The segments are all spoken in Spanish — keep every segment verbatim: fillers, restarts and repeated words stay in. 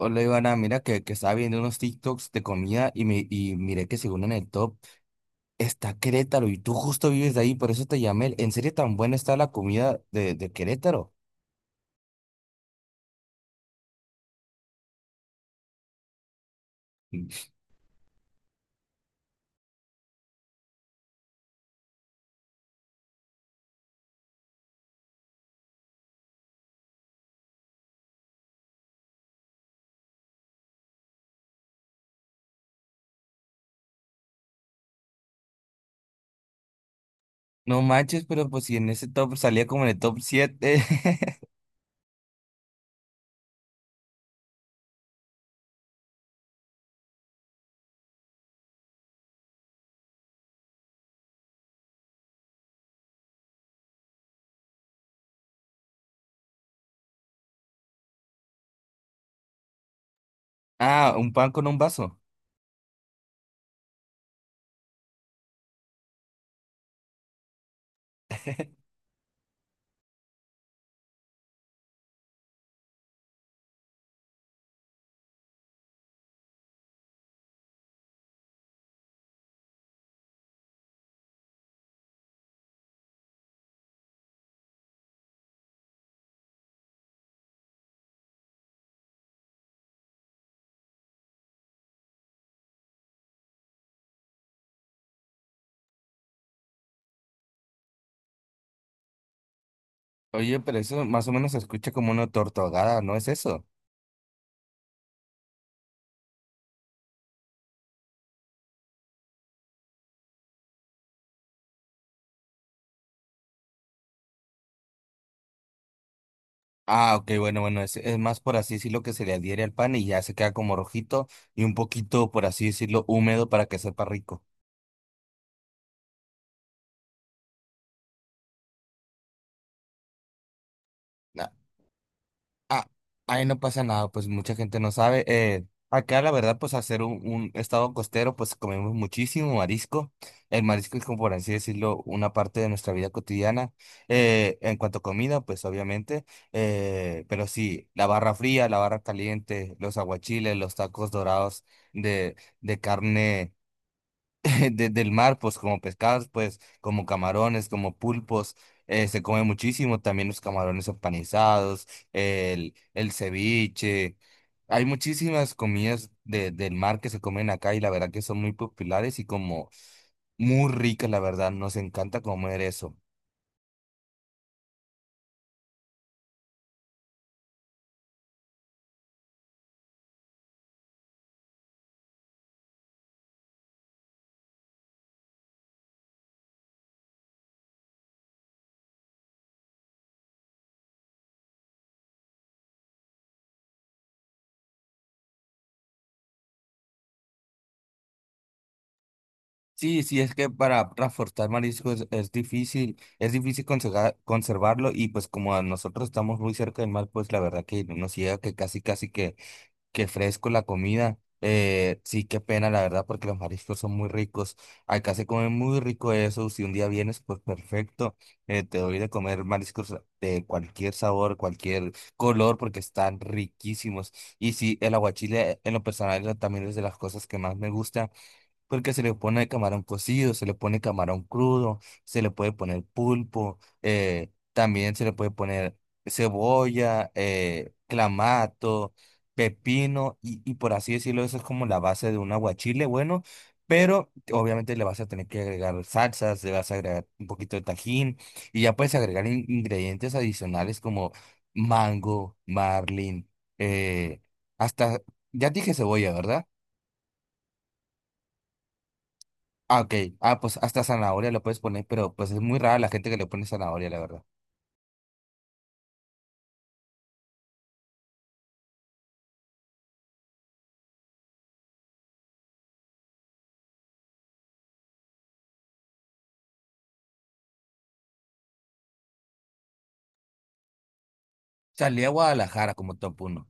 Hola Ivana, mira que, que estaba viendo unos TikToks de comida y, mi- y miré que según en el top está Querétaro y tú justo vives de ahí, por eso te llamé. ¿En serio tan buena está la comida de, de Querétaro? Mm. No manches, pero pues si en ese top salía como en el top siete. Ah, un pan con un vaso. Oye, pero eso más o menos se escucha como una torta ahogada, ¿no es eso? Ah, ok, bueno, bueno, es, es más por así decirlo que se le adhiere al pan y ya se queda como rojito y un poquito, por así decirlo, húmedo para que sepa rico. Ah, Ah, ahí no pasa nada, pues mucha gente no sabe. Eh, acá la verdad, pues hacer un, un estado costero, pues comemos muchísimo marisco. El marisco es como por así decirlo, una parte de nuestra vida cotidiana. Eh, en cuanto a comida, pues obviamente. Eh, pero sí, la barra fría, la barra caliente, los aguachiles, los tacos dorados de, de carne. de- del mar, pues como pescados, pues como camarones, como pulpos, eh, se come muchísimo, también los camarones empanizados, el, el ceviche. Hay muchísimas comidas de, del mar que se comen acá y la verdad que son muy populares y como muy ricas, la verdad, nos encanta comer eso. Sí, sí, es que para transportar marisco es, es difícil, es difícil conserva- conservarlo y pues como a nosotros estamos muy cerca del mar, pues la verdad que no nos llega que casi, casi que qué fresco la comida. Eh, sí, qué pena, la verdad, porque los mariscos son muy ricos. Acá se come muy rico eso. Si un día vienes, pues perfecto. Eh, te doy de comer mariscos de cualquier sabor, cualquier color, porque están riquísimos. Y sí, el aguachile, en lo personal, también es de las cosas que más me gusta. Porque se le pone camarón cocido, se le pone camarón crudo, se le puede poner pulpo, eh, también se le puede poner cebolla, eh, clamato, pepino, y, y por así decirlo, eso es como la base de un aguachile, bueno, pero obviamente le vas a tener que agregar salsas, le vas a agregar un poquito de tajín, y ya puedes agregar in- ingredientes adicionales como mango, marlin, eh, hasta, ya dije cebolla, ¿verdad? Ah, ok. Ah, pues hasta zanahoria lo puedes poner, pero pues es muy rara la gente que le pone zanahoria, la verdad. Salí a Guadalajara como top uno.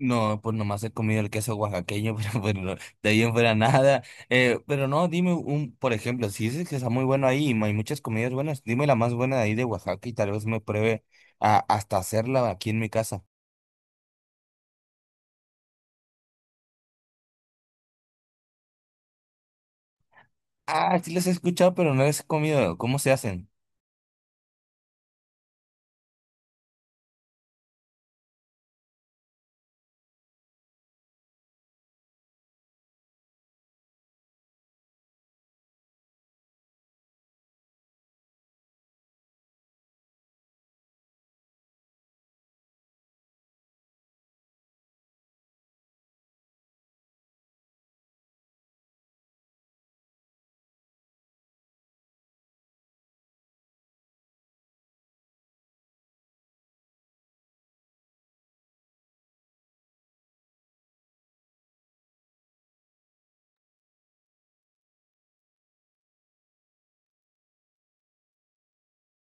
No, pues nomás he comido el queso oaxaqueño, pero bueno, de ahí en fuera nada. Eh, pero no, dime un, por ejemplo, si dices que está muy bueno ahí y hay muchas comidas buenas, dime la más buena de ahí de Oaxaca y tal vez me pruebe a, hasta hacerla aquí en mi casa. Ah, sí les he escuchado, pero no les he comido. ¿Cómo se hacen?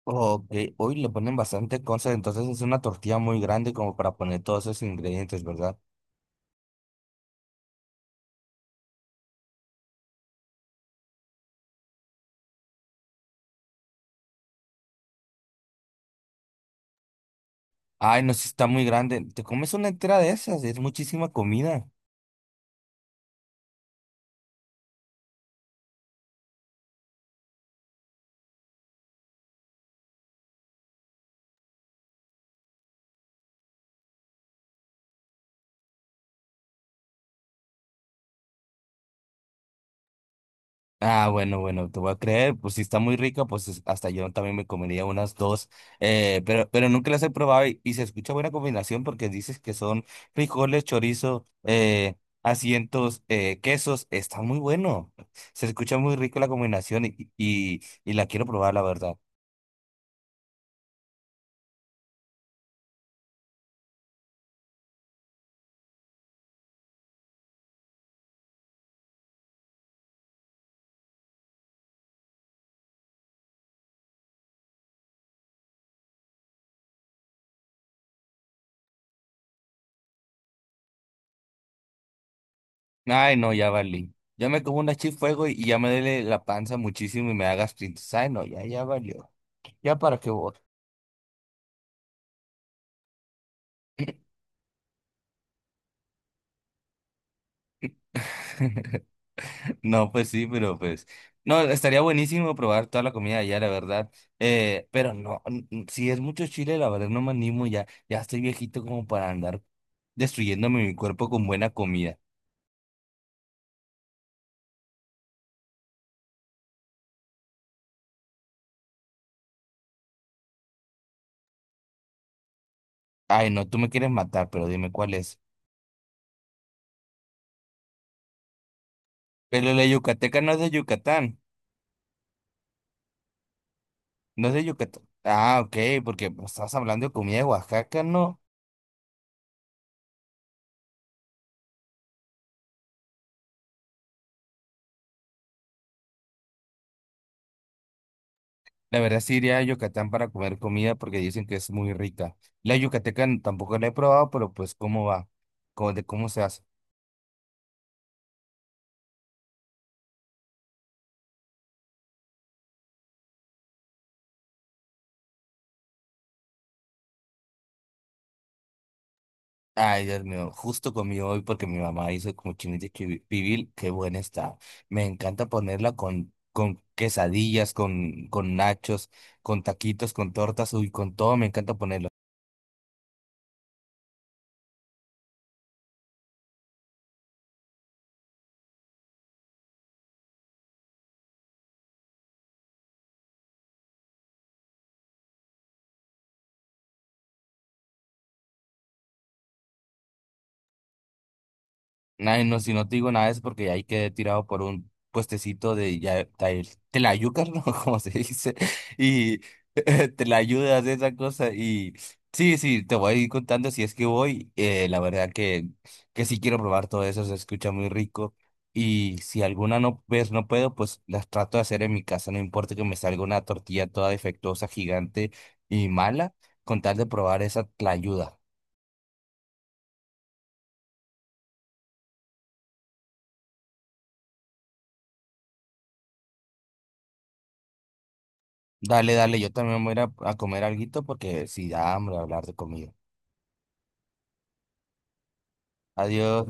Ok, hoy le ponen bastante cosas, entonces es una tortilla muy grande como para poner todos esos ingredientes, ¿verdad? Ay, no, si está muy grande. Te comes una entera de esas, es muchísima comida. Ah, bueno, bueno, te voy a creer. Pues si está muy rica, pues es- hasta yo también me comería unas dos. Eh, pero, pero nunca las he probado y, y se escucha buena combinación porque dices que son frijoles, chorizo, eh, asientos, eh, quesos. Está muy bueno. Se escucha muy rico la combinación y, y, y la quiero probar, la verdad. Ay, no, ya valí. Ya me como una chip fuego y, y ya me duele la panza muchísimo y me da gastritis. Ay, no, ya, ya valió. Ya para qué voy. No, pues sí, pero pues. No, estaría buenísimo probar toda la comida allá, la verdad. Eh, pero no, n- n- si es mucho chile, la verdad no me animo ya. Ya estoy viejito como para andar destruyéndome mi cuerpo con buena comida. Ay, no, tú me quieres matar, pero dime cuál es. Pero la yucateca no es de Yucatán. No es de Yucatán. Ah, ok, porque pues, estabas hablando de comida de Oaxaca, ¿no? La verdad sí iría a Yucatán para comer comida porque dicen que es muy rica. La yucateca n- tampoco la he probado, pero pues cómo va, cómo, de cómo se hace. Ay, Dios mío, justo comí hoy porque mi mamá hizo cochinita pibil, pibil, qué buena está. Me encanta ponerla con, con quesadillas, con, con nachos, con taquitos, con tortas, uy, con todo, me encanta ponerla. Nah, no, si no te digo nada es porque ahí quedé tirado por un puestecito de ya, de telayucas, ¿no? Como se dice. Y te la ayudas de esa cosa. Y sí, sí, te voy a ir contando si es que voy. Eh, la verdad que, que sí quiero probar todo eso, se escucha muy rico. Y si alguna no ves, no puedo, pues las trato de hacer en mi casa. No importa que me salga una tortilla toda defectuosa, gigante y mala, con tal de probar esa tlayuda. Dale, dale, yo también voy a ir a a comer alguito porque si da hambre hablar de comida. Adiós.